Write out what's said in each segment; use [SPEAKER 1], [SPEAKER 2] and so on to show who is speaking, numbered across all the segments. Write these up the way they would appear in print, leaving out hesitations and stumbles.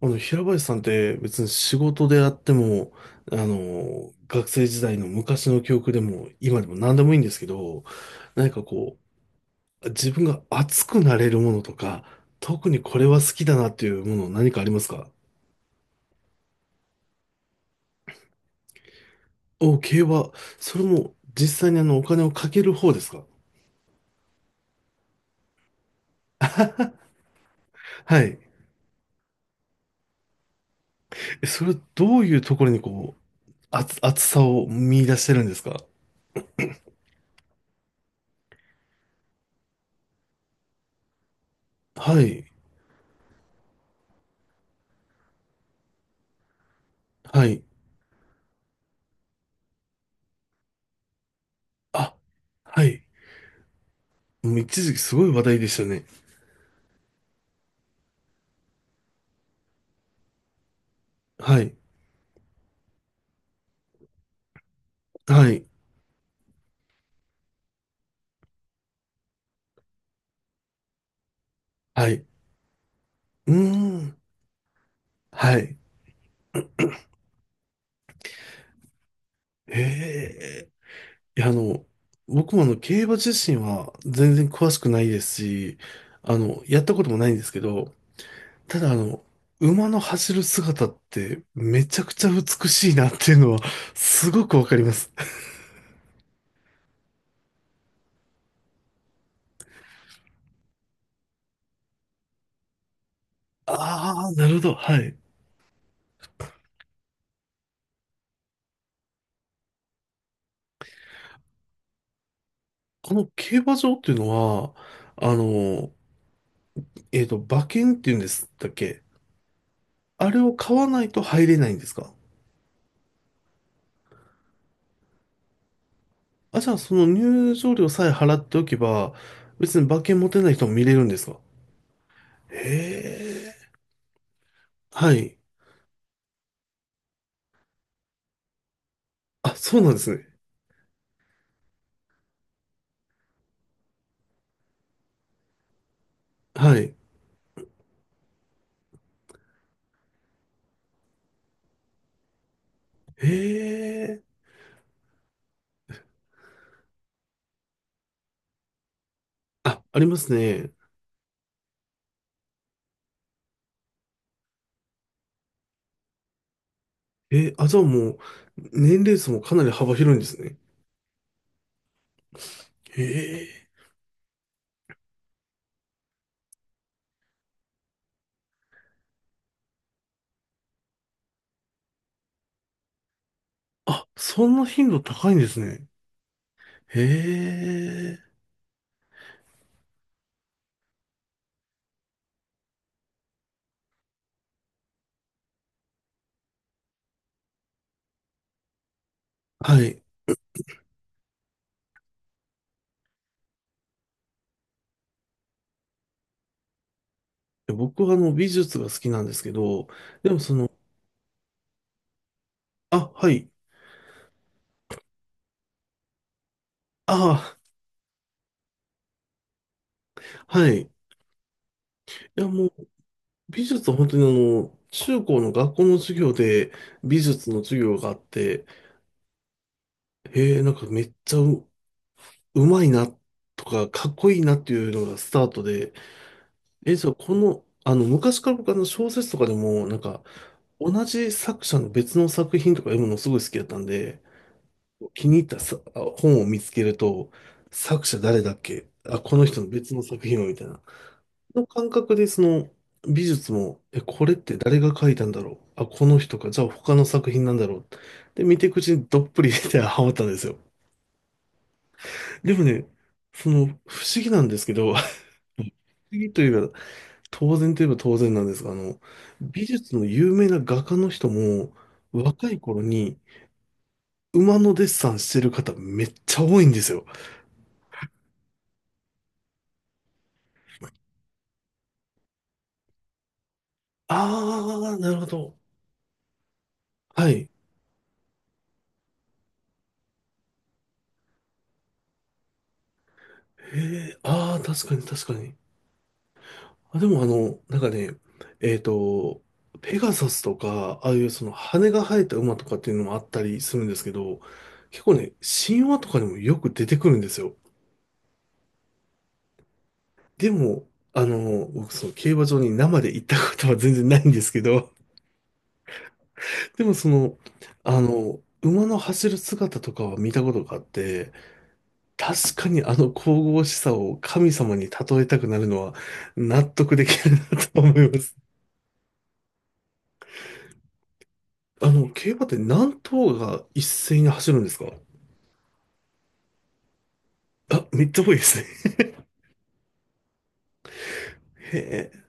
[SPEAKER 1] 平林さんって別に仕事であっても、学生時代の昔の記憶でも、今でも何でもいいんですけど、何か自分が熱くなれるものとか、特にこれは好きだなっていうもの何かありますか？お、競馬。それも実際にお金をかける方ですか？はい。それどういうところに熱さを見出してるんですか？はい。はい。あ、はい。もう一時期すごい話題でしたね。はい。はい。はい。うーん。はい。ええ。いや、僕も競馬自身は全然詳しくないですし、やったこともないんですけど、ただ馬の走る姿ってめちゃくちゃ美しいなっていうのはすごくわかります。ああ、なるほど。はい。この競馬場っていうのは、あの、馬券っていうんですだっけ？あれを買わないと入れないんですか？あ、じゃあ、その入場料さえ払っておけば、別に馬券持てない人も見れるんですか？へえ。はい。あ、そうなんですね。はい。へえ。あ、ありますね。え、あ、じゃあもう、年齢層もかなり幅広いんですね。へえ。あ、そんな頻度高いんですね。へえ。はい。僕は美術が好きなんですけど、でもあ、はい。あ、はい。いや、もう、美術は本当に中高の学校の授業で美術の授業があって、なんかめっちゃう、うまいなとか、かっこいいなっていうのがスタートで、じゃあ昔から僕小説とかでも、なんか、同じ作者の別の作品とか読むのすごい好きだったんで、気に入った本を見つけると、作者誰だっけこの人の別の作品をみたいな。の感覚でその美術も、え、これって誰が描いたんだろう。あ、この人か。じゃあ他の作品なんだろう。で、見ていくうちにどっぷりでハマったんですよ。でもね、不思議なんですけど、不思議というか当然といえば当然なんですが、美術の有名な画家の人も若い頃に馬のデッサンしてる方めっちゃ多いんですよ。あー、なるほど。はい。へえ、あー、確かに確かに。あ、でもなんかね、えっと、ペガサスとか、ああいうその羽が生えた馬とかっていうのもあったりするんですけど、結構ね、神話とかにもよく出てくるんですよ。でも、僕その競馬場に生で行ったことは全然ないんですけど、でも馬の走る姿とかは見たことがあって、確かにあの神々しさを神様に例えたくなるのは納得できるなと思います。競馬って何頭が一斉に走るんですか？あ、めっちゃ多いですね。へえ。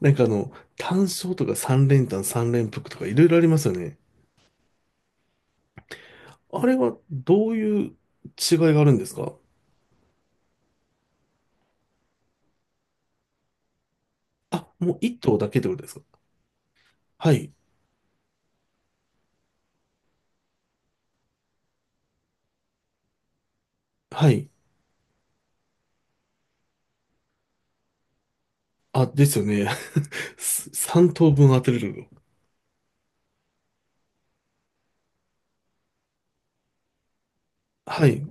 [SPEAKER 1] なんか単勝とか三連単、三連複とかいろいろありますよね。あれはどういう違いがあるんですか？あ、もう一頭だけってことですか？はい。はい。あ、ですよね。三頭分当てれるの。はい。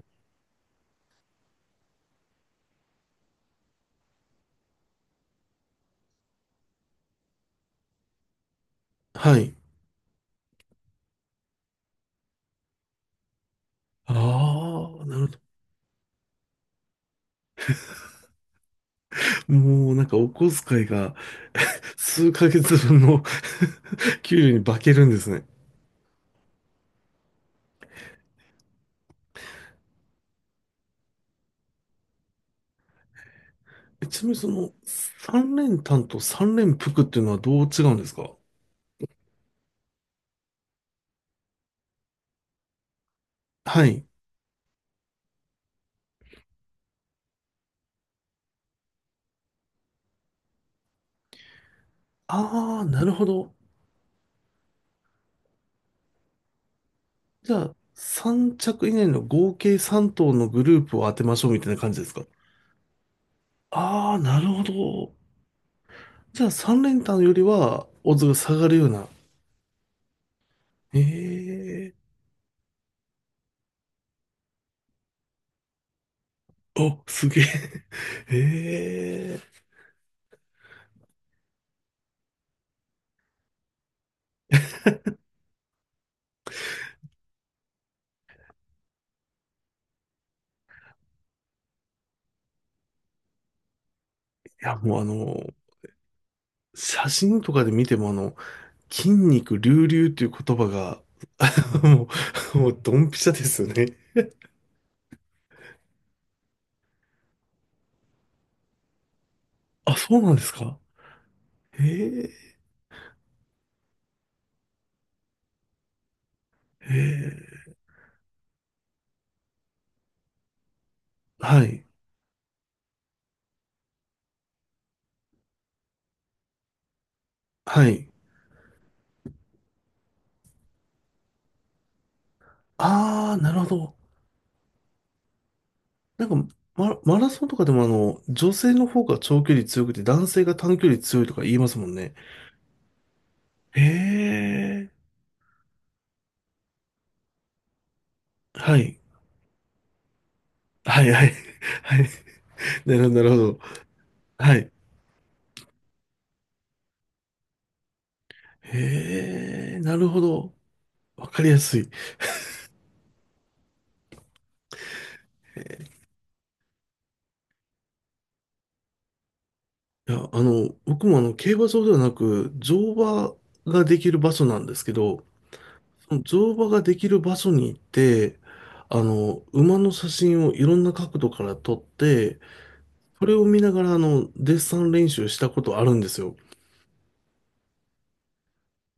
[SPEAKER 1] はい。ああ、なるほど。もうなんかお小遣いが数ヶ月分の 給料に化けるんですね。ちなみに三連単と三連複っていうのはどう違うんですか？はい。ああ、なるほど。じゃあ、三着以内の合計三頭のグループを当てましょうみたいな感じですか？ああー、なるほど。じゃあ、三連単よりは、オッズが下がるような。ええ。お、すげえ。ええ。いや、もう写真とかで見ても筋肉隆々っていう言葉が、あのももうドンピシャですよね。あ、そうなんですか。へえ、へえ、はい、はい。ああ、なるほど。なんか、マラソンとかでも女性の方が長距離強くて男性が短距離強いとか言いますもんね。へえ、はい、はい、はい、はい。なるほど、なるほど。はい。へえ、なるほど。わかりやすい。いや、僕も競馬場ではなく、乗馬ができる場所なんですけど、乗馬ができる場所に行って、馬の写真をいろんな角度から撮って、それを見ながら、デッサン練習したことあるんですよ。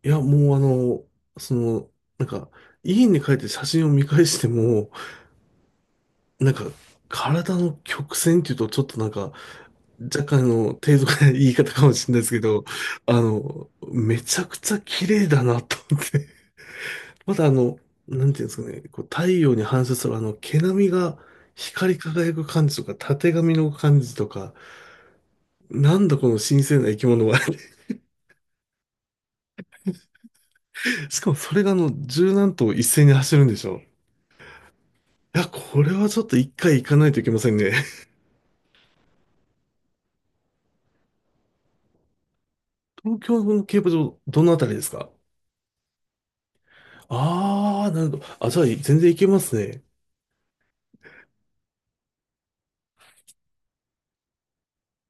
[SPEAKER 1] いや、もうその、なんか、家に帰って写真を見返しても、なんか、体の曲線っていうと、ちょっとなんか、若干低俗な言い方かもしれないですけど、めちゃくちゃ綺麗だなと思ってまだなんていうんですかね、太陽に反射するあの毛並みが光り輝く感じとか、たてがみの感じとか、なんだこの神聖な生き物は。しかもそれが十何頭一斉に走るんでしょ。いや、これはちょっと一回行かないといけませんね。東京の競馬場、どのあたりですか？ああー、なるほど。あ、じゃあ全然行けますね。